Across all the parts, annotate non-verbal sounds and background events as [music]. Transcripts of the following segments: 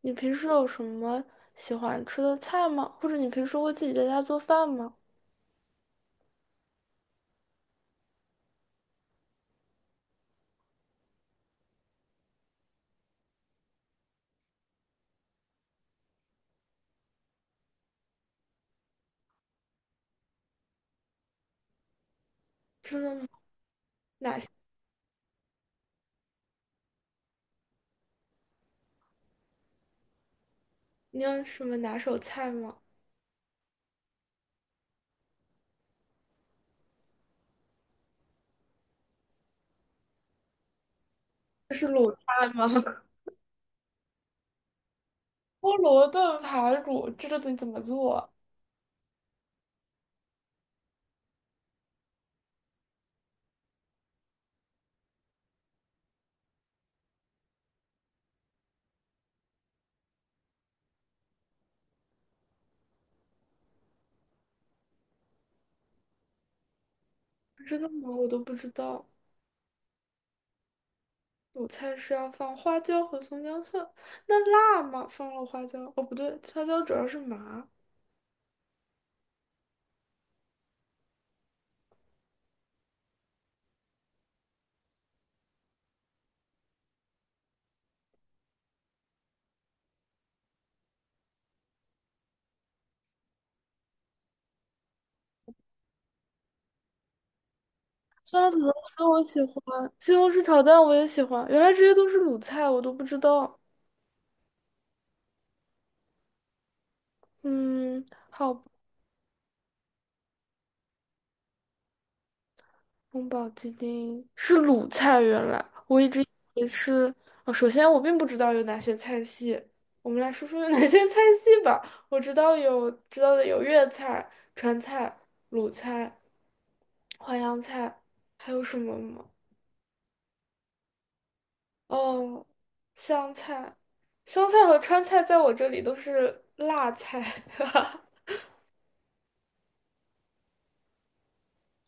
你平时有什么喜欢吃的菜吗？或者你平时会自己在家做饭吗？真的吗？哪些？你有什么拿手菜吗？这是鲁菜吗？[laughs] 菠萝炖排骨，这个得怎么做啊？真的吗？我都不知道。鲁菜是要放花椒和葱姜蒜，那辣吗？放了花椒？哦，不对，花椒主要是麻。酸辣土豆丝我喜欢，西红柿炒蛋我也喜欢。原来这些都是鲁菜，我都不知道。嗯，好吧。宫保鸡丁是鲁菜，原来我一直以为是。哦，首先我并不知道有哪些菜系，我们来说说有哪些 [laughs] 菜系吧。我知道有知道的有粤菜、川菜、鲁菜、淮扬菜，还有什么吗？哦，湘菜，湘菜和川菜在我这里都是辣菜。[laughs]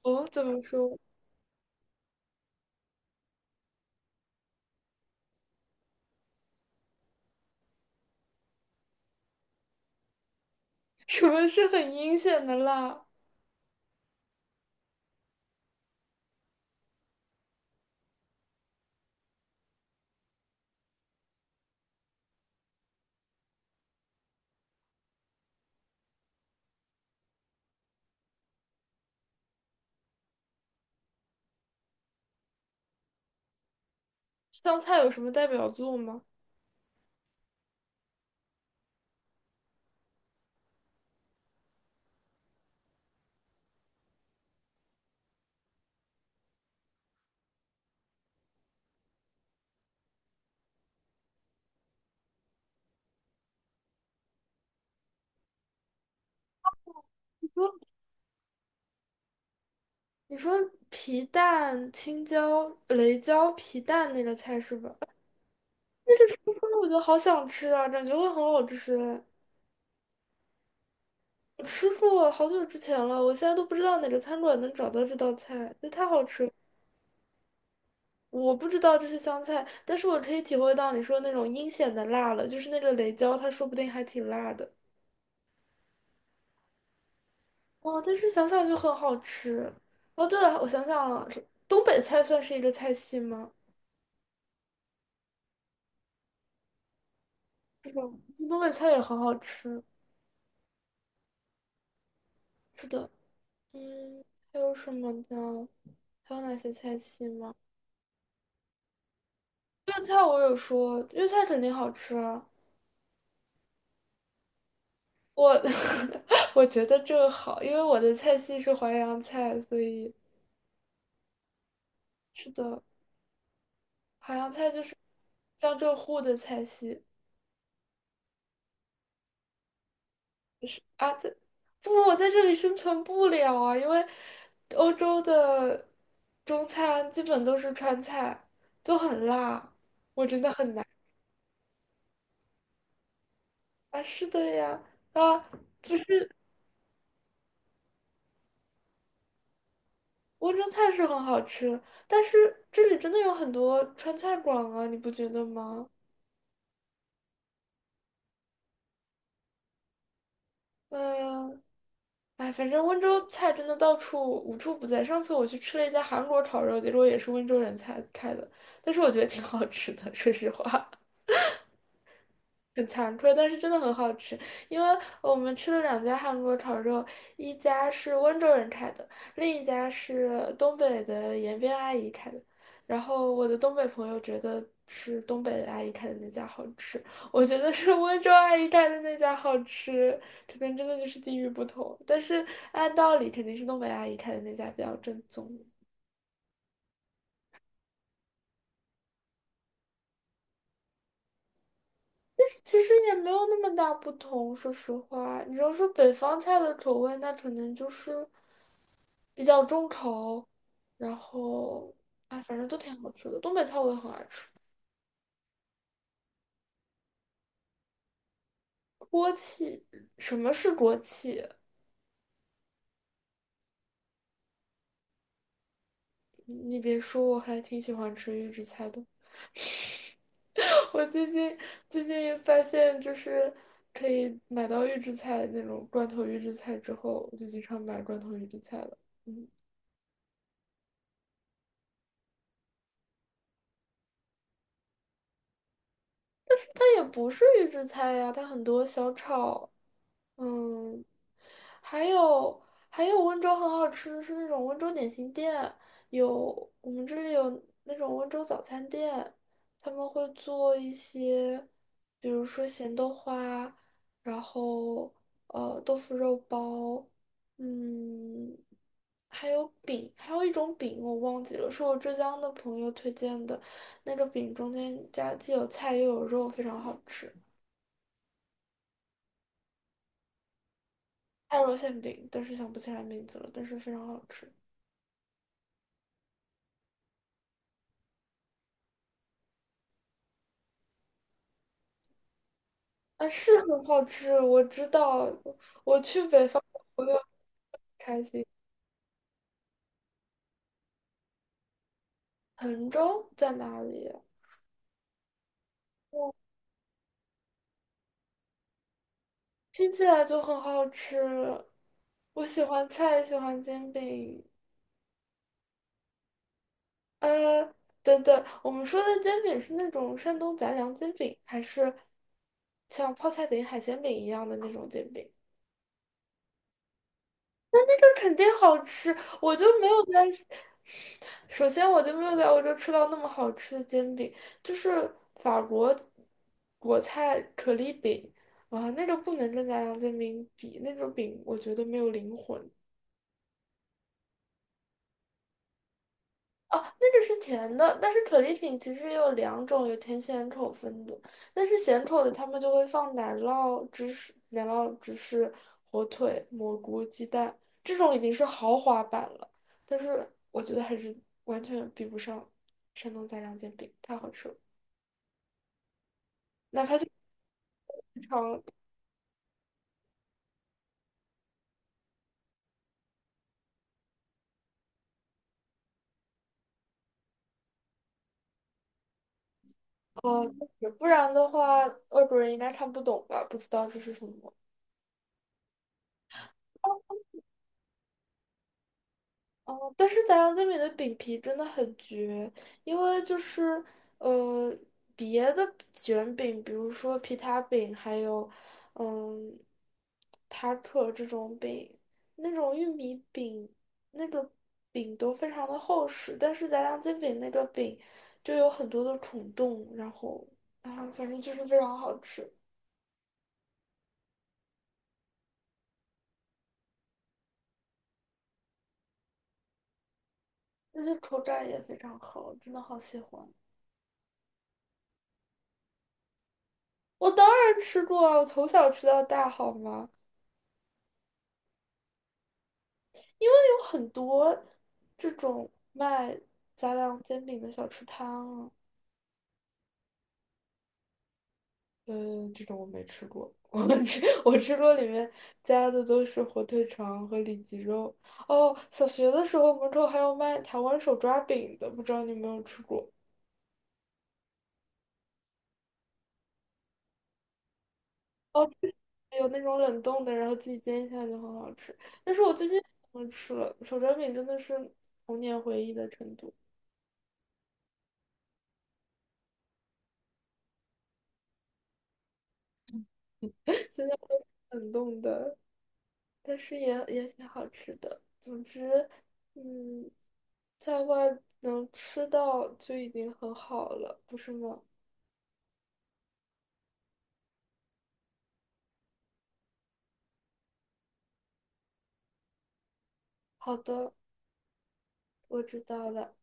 哦，怎么说？什么是很阴险的辣？湘菜有什么代表作吗？你说。你说皮蛋、青椒、雷椒皮蛋那个菜是吧？啊那个吃法我觉得好想吃啊，感觉会很好吃。我吃过好久之前了，我现在都不知道哪个餐馆能找到这道菜，那太好吃了。我不知道这是香菜，但是我可以体会到你说那种阴险的辣了，就是那个雷椒，它说不定还挺辣的。哦，但是想想就很好吃。哦，对了，我想想啊，东北菜算是一个菜系吗？这东北菜也很好吃。是的。嗯，还有什么呢？还有哪些菜系吗？粤菜我有说，粤菜肯定好吃啊。我 [laughs] 我觉得这个好，因为我的菜系是淮扬菜，所以是的，淮扬菜就是江浙沪的菜系。是啊，在不，我在这里生存不了啊，因为欧洲的中餐基本都是川菜，都很辣啊。是的呀，啊，温州菜是很好吃，但是这里真的有很多川菜馆啊，你不觉得吗？嗯，哎，反正温州菜真的到处无处不在。上次我去吃了一家韩国烤肉，结果也是温州人才开的，但是我觉得挺好吃的，说实话。很惭愧，但是真的很好吃。因为我们吃了两家韩国烤肉，一家是温州人开的，另一家是东北的延边阿姨开的。然后我的东北朋友觉得是东北的阿姨开的那家好吃，我觉得是温州阿姨开的那家好吃，可能真的就是地域不同。但是按道理肯定是东北阿姨开的那家比较正宗。其实也没有那么大不同，说实话，你要说北方菜的口味，那可能就是比较重口，然后哎，反正都挺好吃的。东北菜我也很爱吃，锅气，什么是锅气？你别说，我还挺喜欢吃预制菜的。[laughs] 我最近发现，就是可以买到预制菜那种罐头预制菜之后，我就经常买罐头预制菜了。嗯，它也不是预制菜呀，它很多小炒嗯，还有还有温州很好吃的是那种温州点心店，有我们这里有那种温州早餐店，他们会做一些，比如说咸豆花，然后豆腐肉包，嗯，还有饼，还有一种饼我忘记了，是我浙江的朋友推荐的，那个饼中间加既有菜又有肉，非常好吃。爱肉馅饼，但是想不起来名字了，但是非常好吃。啊，是很好吃，我知道。我去北方，我就开心。滕州在哪里我听起来就很好吃。我喜欢菜，喜欢煎饼。呃，等等，我们说的煎饼是那种山东杂粮煎饼，还是像泡菜饼、海鲜饼一样的那种煎饼？这肯定好吃，我就没有在。首先，我就没有在欧洲吃到那么好吃的煎饼，就是法国国菜可丽饼啊，那个不能跟家乡煎饼比，那种饼我觉得没有灵魂。哦，那个是甜的，但是可丽饼其实也有两种，有甜咸口分的。但是咸口的，他们就会放奶酪、芝士、奶酪、芝士、火腿、蘑菇、鸡蛋，这种已经是豪华版了。但是我觉得还是完全比不上山东杂粮煎饼，太好吃了。哪怕是正常呃，不然的话，外国人应该看不懂吧？不知道这是什么。哦，但是杂粮煎饼的饼皮真的很绝，因为就是呃，别的卷饼，比如说皮塔饼，还有嗯，塔克这种饼，那种玉米饼，那个饼都非常的厚实，但是杂粮煎饼那个饼就有很多的孔洞，然后啊，反正就是非常好吃。那些口感也非常好，真的好喜欢。我当然吃过啊，我从小吃到大，好吗？因为有很多这种卖杂粮煎饼的小吃摊啊嗯，这种我没吃过。[laughs] 我吃过里面加的都是火腿肠和里脊肉。哦，小学的时候门口还有卖台湾手抓饼的，不知道你有没有吃过？哦。还有那种冷冻的，然后自己煎一下就很好吃。但是我最近不吃了，手抓饼真的是童年回忆的程度，现在都是冷冻的，但是也挺好吃的。总之，嗯，在外能吃到就已经很好了，不是吗？好的，我知道了。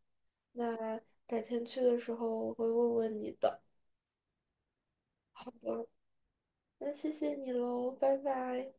那改天去的时候我会问问你的。好的，那谢谢你喽，拜拜。